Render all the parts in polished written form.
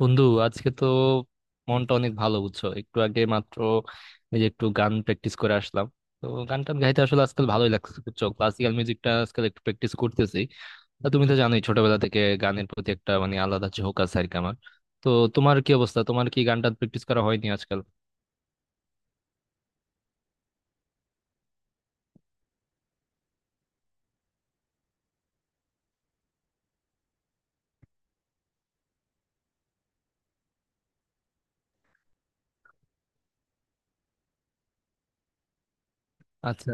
বন্ধু, আজকে তো মনটা অনেক ভালো, বুঝছো? একটু আগে মাত্র এই যে একটু গান প্র্যাকটিস করে আসলাম। তো গান টান গাইতে আসলে আজকাল ভালোই লাগছে, বুঝছো। ক্লাসিক্যাল মিউজিকটা আজকাল একটু প্র্যাকটিস করতেছি। তা তুমি তো জানোই, ছোটবেলা থেকে গানের প্রতি একটা মানে আলাদা ঝোঁক আছে আর কি আমার। তো তোমার কি অবস্থা? তোমার কি গানটা প্র্যাকটিস করা হয়নি আজকাল? আচ্ছা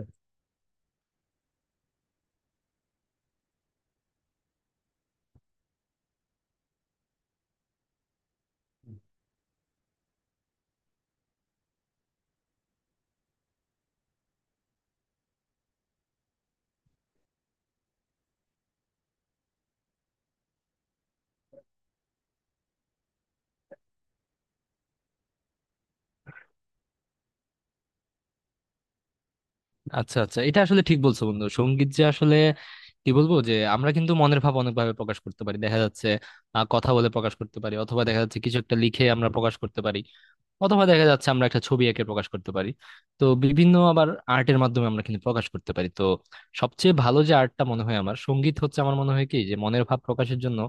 আচ্ছা আচ্ছা, এটা আসলে ঠিক বলছো বন্ধু। সঙ্গীত যে আসলে কি বলবো, যে আমরা কিন্তু মনের ভাব অনেকভাবে প্রকাশ করতে পারি। দেখা যাচ্ছে কথা বলে প্রকাশ করতে পারি, অথবা দেখা যাচ্ছে কিছু একটা লিখে আমরা প্রকাশ করতে পারি, অথবা দেখা যাচ্ছে আমরা একটা ছবি এঁকে প্রকাশ করতে পারি। তো বিভিন্ন আবার আর্টের মাধ্যমে আমরা কিন্তু প্রকাশ করতে পারি। তো সবচেয়ে ভালো যে আর্টটা মনে হয় আমার, সঙ্গীত হচ্ছে। আমার মনে হয় কি, যে মনের ভাব প্রকাশের জন্য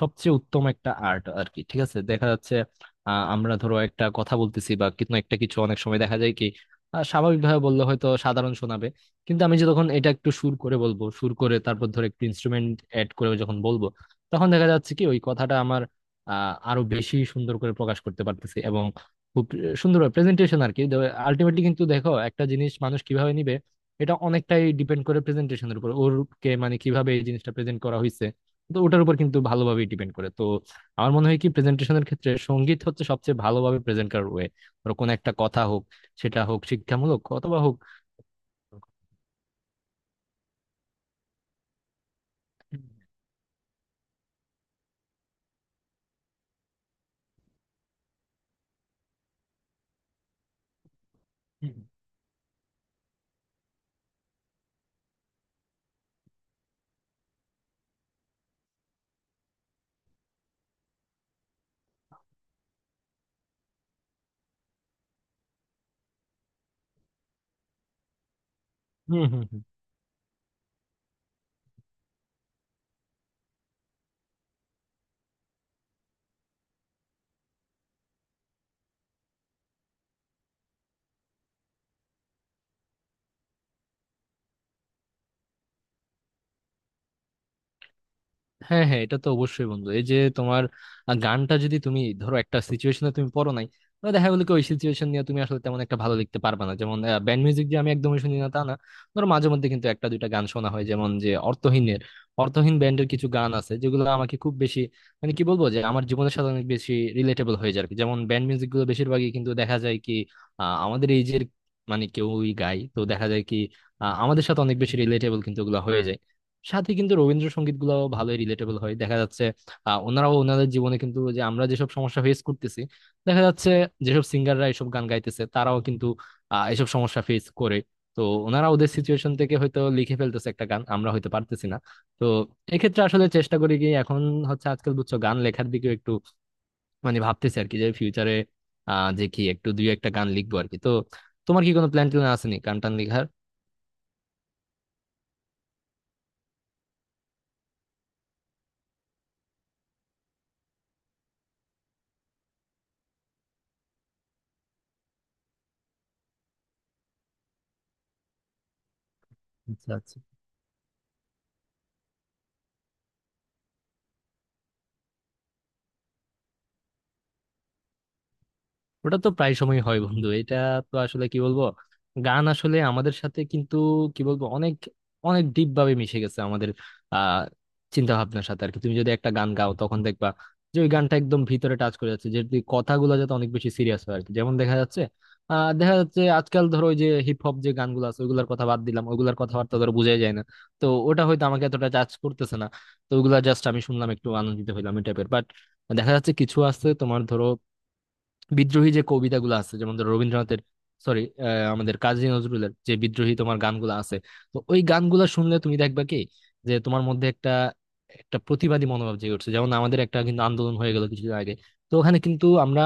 সবচেয়ে উত্তম একটা আর্ট আর কি। ঠিক আছে, দেখা যাচ্ছে আমরা ধরো একটা কথা বলতেছি বা কিন্তু একটা কিছু, অনেক সময় দেখা যায় কি স্বাভাবিকভাবে বললে হয়তো সাধারণ শোনাবে, কিন্তু আমি যে তখন এটা একটু সুর করে বলবো, সুর করে তারপর ধরো একটু ইনস্ট্রুমেন্ট অ্যাড করে যখন বলবো, তখন দেখা যাচ্ছে কি ওই কথাটা আমার আরো বেশি সুন্দর করে প্রকাশ করতে পারতেছি। খুব সুন্দরভাবে প্রেজেন্টেশন আর কি। আলটিমেটলি কিন্তু দেখো, একটা জিনিস মানুষ কিভাবে নিবে এটা অনেকটাই ডিপেন্ড করে প্রেজেন্টেশনের উপর। ওরকে মানে কিভাবে এই জিনিসটা প্রেজেন্ট করা হয়েছে, তো ওটার উপর কিন্তু ভালোভাবে ডিপেন্ড করে। তো আমার মনে হয় কি, প্রেজেন্টেশনের ক্ষেত্রে সঙ্গীত হচ্ছে সবচেয়ে ভালোভাবে প্রেজেন্ট করার ওয়ে। ধরো কোনো একটা কথা হোক, সেটা হোক শিক্ষামূলক অথবা হোক। হুম হুম হুম হ্যাঁ হ্যাঁ, এটা তো অবশ্যই বন্ধু। এই যে তোমার গানটা যদি তুমি ধরো একটা সিচুয়েশনে তুমি পড়ো নাই, তাহলে দেখা গেলো কি ওই সিচুয়েশন নিয়ে তুমি আসলে তেমন একটা ভালো লিখতে পারবে না। যেমন ব্যান্ড মিউজিক যে আমি একদমই শুনি না তা না, ধরো মাঝে মধ্যে কিন্তু একটা দুইটা গান শোনা হয়, যেমন যে অর্থহীনের, অর্থহীন ব্যান্ডের কিছু গান আছে যেগুলো আমাকে খুব বেশি মানে কি বলবো, যে আমার জীবনের সাথে অনেক বেশি রিলেটেবল হয়ে যায় আর কি। যেমন ব্যান্ড মিউজিক গুলো বেশিরভাগই কিন্তু দেখা যায় কি আমাদের এই যে মানে কেউই গায়, তো দেখা যায় কি আমাদের সাথে অনেক বেশি রিলেটেবল কিন্তু ওগুলো হয়ে যায়। সাথে কিন্তু রবীন্দ্রসঙ্গীত গুলাও ভালোই রিলেটেবল হয়, দেখা যাচ্ছে ওনারাও ওনাদের জীবনে কিন্তু যে আমরা যেসব সমস্যা ফেস করতেছি, দেখা যাচ্ছে যেসব সিঙ্গাররা এসব গান গাইতেছে তারাও কিন্তু এসব সমস্যা ফেস করে। তো ওনারা ওদের সিচুয়েশন থেকে হয়তো লিখে ফেলতেছে একটা গান, আমরা হয়তো পারতেছি না। তো এক্ষেত্রে আসলে চেষ্টা করি কি, এখন হচ্ছে আজকাল, বুঝছো, গান লেখার দিকে একটু মানে ভাবতেছি আর কি, যে ফিউচারে যে কি একটু দুই একটা গান লিখবো আর কি। তো তোমার কি কোনো প্ল্যান ট্যান আছে নি গান টান লেখার? আচ্ছা আচ্ছা ওটা তো প্রায় সময় হয় বন্ধু, এটা। তো আসলে কি বলবো, গান আসলে আমাদের সাথে কিন্তু কি বলবো অনেক অনেক ডিপ ভাবে মিশে গেছে আমাদের আহ চিন্তা ভাবনার সাথে আর কি। তুমি যদি একটা গান গাও তখন দেখবা যে ওই গানটা একদম ভিতরে টাচ করে যাচ্ছে, যদি কথাগুলো যাতে অনেক বেশি সিরিয়াস হয় আর কি। যেমন দেখা যাচ্ছে দেখা যাচ্ছে আজকাল ধরো ওই যে হিপ হপ যে গানগুলো আছে, ওইগুলোর কথা বাদ দিলাম, ওইগুলোর কথাবার্তা ধরো বোঝাই যায় না। তো ওটা হয়তো আমাকে এতটা টাচ করতেছে না। তো ওগুলা জাস্ট আমি শুনলাম, একটু আনন্দিত হইলাম, এই টাইপের। বাট দেখা যাচ্ছে কিছু আছে তোমার, ধরো বিদ্রোহী যে কবিতাগুলো আছে, যেমন ধরো রবীন্দ্রনাথের, সরি, আমাদের কাজী নজরুলের যে বিদ্রোহী তোমার গানগুলো আছে, তো ওই গানগুলো শুনলে তুমি দেখবা কি, যে তোমার মধ্যে একটা একটা প্রতিবাদী মনোভাব জেগে উঠছে। যেমন আমাদের একটা কিন্তু আন্দোলন হয়ে গেল কিছুদিন আগে, তো ওখানে কিন্তু আমরা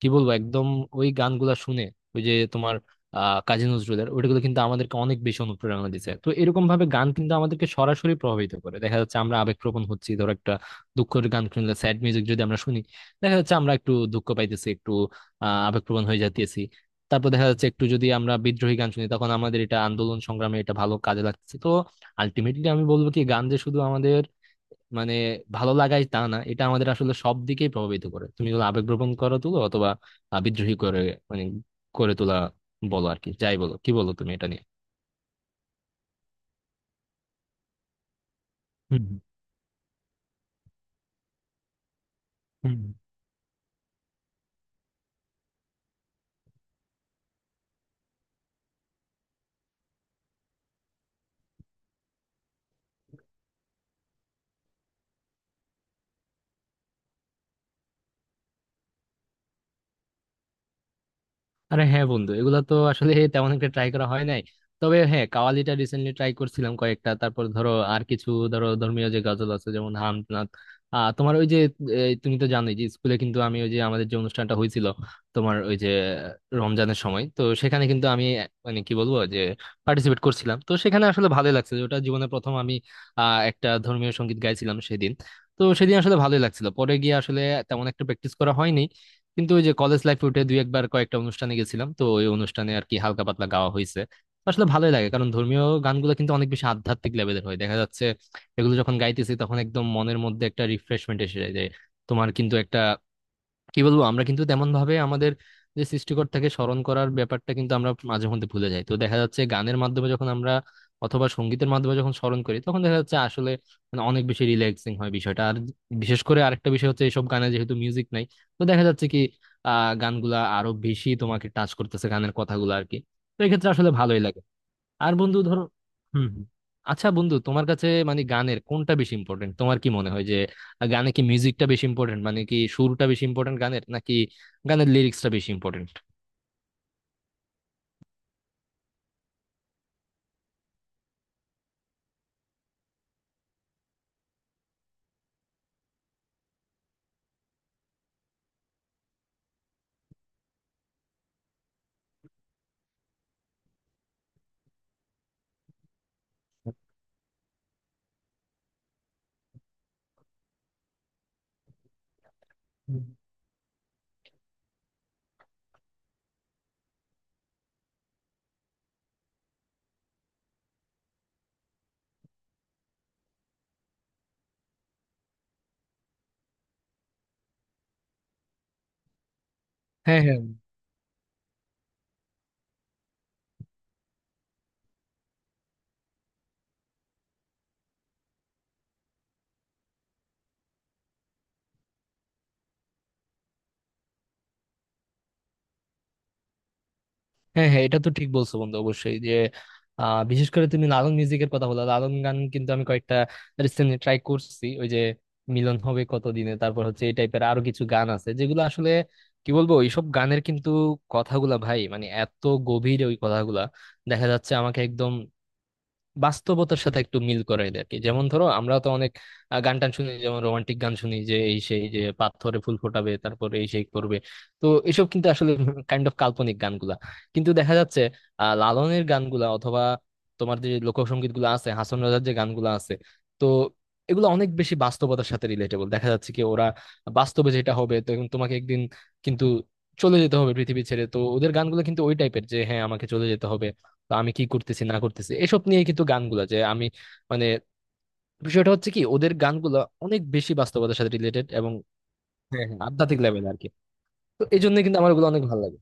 কি বলবো একদম ওই গানগুলা শুনে, ওই যে তোমার কাজী নজরুলের ওইগুলো কিন্তু আমাদেরকে অনেক বেশি অনুপ্রেরণা দিচ্ছে। তো এরকম ভাবে গান কিন্তু আমাদেরকে সরাসরি প্রভাবিত করে। দেখা যাচ্ছে আমরা আবেগপ্রবণ হচ্ছি, ধরো একটা দুঃখের গান শুনলে, স্যাড মিউজিক যদি আমরা শুনি, দেখা যাচ্ছে আমরা একটু দুঃখ পাইতেছি, একটু আবেগপ্রবণ হয়ে যাইতেছি। তারপর দেখা যাচ্ছে একটু যদি আমরা বিদ্রোহী গান শুনি, তখন আমাদের এটা আন্দোলন সংগ্রামে এটা ভালো কাজে লাগছে। তো আলটিমেটলি আমি বলবো কি, গান যে শুধু আমাদের মানে ভালো লাগাই তা না, এটা আমাদের আসলে সব দিকেই প্রভাবিত করে। তুমি যদি আবেগপ্রবণ করে তুলো অথবা বিদ্রোহী করে মানে করে তোলা বলো আর কি, যাই বলো। কি বলো তুমি এটা নিয়ে? হুম, হুম। আরে হ্যাঁ বন্ধু, এগুলা তো আসলে তেমন একটা ট্রাই করা হয় নাই। তবে হ্যাঁ, কাওয়ালিটা রিসেন্টলি ট্রাই করছিলাম কয়েকটা। তারপর ধরো আর কিছু ধরো ধর্মীয় যে গজল আছে, যেমন হামদনাথ তোমার ওই যে, এই তুমি তো জানোই যে স্কুলে কিন্তু আমি ওই যে আমাদের যে অনুষ্ঠানটা হয়েছিল, তোমার ওই যে রমজানের সময়, তো সেখানে কিন্তু আমি মানে কি বলবো যে পার্টিসিপেট করছিলাম। তো সেখানে আসলে ভালোই লাগছে যে ওটা জীবনে প্রথম আমি একটা ধর্মীয় সঙ্গীত গাইছিলাম সেদিন। তো সেদিন আসলে ভালোই লাগছিল। পরে গিয়ে আসলে তেমন একটা প্র্যাকটিস করা হয়নি, কিন্তু ওই যে কলেজ লাইফে উঠে দুই একবার কয়েকটা অনুষ্ঠানে গেছিলাম, তো ওই অনুষ্ঠানে আর কি হালকা পাতলা গাওয়া হয়েছে। আসলে ভালোই লাগে, কারণ ধর্মীয় গানগুলো কিন্তু অনেক বেশি আধ্যাত্মিক লেভেলের হয়, দেখা যাচ্ছে এগুলো যখন গাইতেছি তখন একদম মনের মধ্যে একটা রিফ্রেশমেন্ট এসে যায়। যে তোমার কিন্তু একটা কি বলবো, আমরা কিন্তু তেমন ভাবে আমাদের যে সৃষ্টিকর্তাকে স্মরণ করার ব্যাপারটা কিন্তু আমরা মাঝে মধ্যে ভুলে যাই। তো দেখা যাচ্ছে গানের মাধ্যমে যখন আমরা অথবা সঙ্গীতের মাধ্যমে যখন স্মরণ করি, তখন দেখা যাচ্ছে আসলে মানে অনেক বেশি রিল্যাক্সিং হয় বিষয়টা। আর বিশেষ করে আরেকটা বিষয় হচ্ছে, এইসব গানে যেহেতু মিউজিক নাই, তো দেখা যাচ্ছে কি গানগুলা আরো বেশি তোমাকে টাচ করতেছে, গানের কথাগুলো আর কি। তো এক্ষেত্রে আসলে ভালোই লাগে। আর বন্ধু ধরো, হুম হুম। আচ্ছা বন্ধু, তোমার কাছে মানে গানের কোনটা বেশি ইম্পর্টেন্ট? তোমার কি মনে হয় যে গানে কি মিউজিকটা বেশি ইম্পর্টেন্ট, মানে কি সুরটা বেশি ইম্পর্টেন্ট গানের, নাকি গানের লিরিক্সটা বেশি ইম্পর্টেন্ট? হ্যাঁ হ্যাঁ হ্যাঁ, হ্যাঁ, এটা তো ঠিক বলছো বন্ধু, অবশ্যই যে বিশেষ করে তুমি লালন মিউজিকের কথা বলো, লালন গান কিন্তু আমি কয়েকটা রিসেন্টলি ট্রাই করছি, ওই যে মিলন হবে কতদিনে, তারপর হচ্ছে এই টাইপের আরো কিছু গান আছে যেগুলো আসলে কি বলবো, এইসব গানের কিন্তু কথাগুলা ভাই মানে এত গভীর, ওই কথাগুলা দেখা যাচ্ছে আমাকে একদম বাস্তবতার সাথে একটু মিল করাই দেয় আর কি। যেমন ধরো আমরা তো অনেক গান টান শুনি, যেমন রোমান্টিক গান শুনি যে এই সেই, যে পাথরে ফুল ফোটাবে, তারপরে এই সেই করবে। তো এসব কিন্তু আসলে কাইন্ড অফ কাল্পনিক গানগুলা। কিন্তু দেখা যাচ্ছে লালনের গানগুলা অথবা তোমার যে লোকসঙ্গীত গুলো আছে, হাসন রাজার যে গানগুলো আছে, তো এগুলো অনেক বেশি বাস্তবতার সাথে রিলেটেবল। দেখা যাচ্ছে কি ওরা বাস্তবে যেটা হবে, তো এখন তোমাকে একদিন কিন্তু চলে যেতে হবে পৃথিবী ছেড়ে, তো ওদের গানগুলো কিন্তু ওই টাইপের, যে হ্যাঁ আমাকে চলে যেতে হবে, বা আমি কি করতেছি না করতেছি এসব নিয়ে কিন্তু গানগুলা। যে আমি মানে বিষয়টা হচ্ছে কি, ওদের গানগুলা অনেক বেশি বাস্তবতার সাথে রিলেটেড এবং হ্যাঁ হ্যাঁ আধ্যাত্মিক লেভেল আর কি। তো এই জন্য কিন্তু আমার ওগুলো অনেক ভালো লাগে।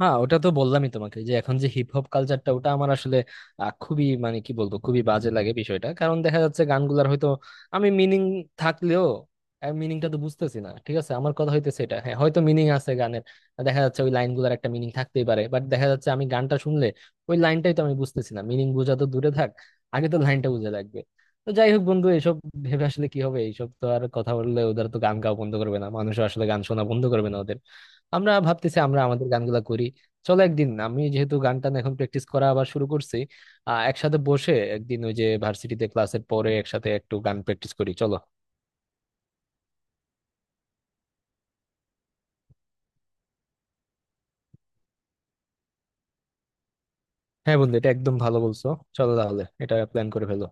হ্যাঁ, ওটা তো বললামই তোমাকে, যে এখন যে হিপ হপ কালচারটা, ওটা আমার আসলে খুবই মানে কি বলবো, খুবই বাজে লাগে বিষয়টা। কারণ দেখা যাচ্ছে গানগুলার হয়তো আমি মিনিং থাকলেও মিনিংটা তো বুঝতেছি না। ঠিক আছে, আমার কথা হইতেছে এটা, হ্যাঁ হয়তো মিনিং আছে গানের, দেখা যাচ্ছে ওই লাইনগুলার একটা মিনিং থাকতেই পারে, বাট দেখা যাচ্ছে আমি গানটা শুনলে ওই লাইনটাই তো আমি বুঝতেছি না, মিনিং বোঝা তো দূরে থাক, আগে তো লাইনটা বুঝে লাগবে। তো যাই হোক বন্ধু, এসব ভেবে আসলে কি হবে, এইসব তো আর কথা বললে ওদের তো গান গাওয়া বন্ধ করবে না, মানুষ আসলে গান শোনা বন্ধ করবে না ওদের। আমরা ভাবতেছি আমরা আমাদের গানগুলা করি। চলো একদিন, আমি যেহেতু গান টান এখন প্র্যাকটিস করা আবার শুরু করছি, একসাথে বসে একদিন ওই যে ভার্সিটিতে ক্লাসের পরে একসাথে একটু গান প্র্যাকটিস করি চলো। হ্যাঁ বন্ধু, এটা একদম ভালো বলছো। চলো তাহলে এটা প্ল্যান করে ফেলো।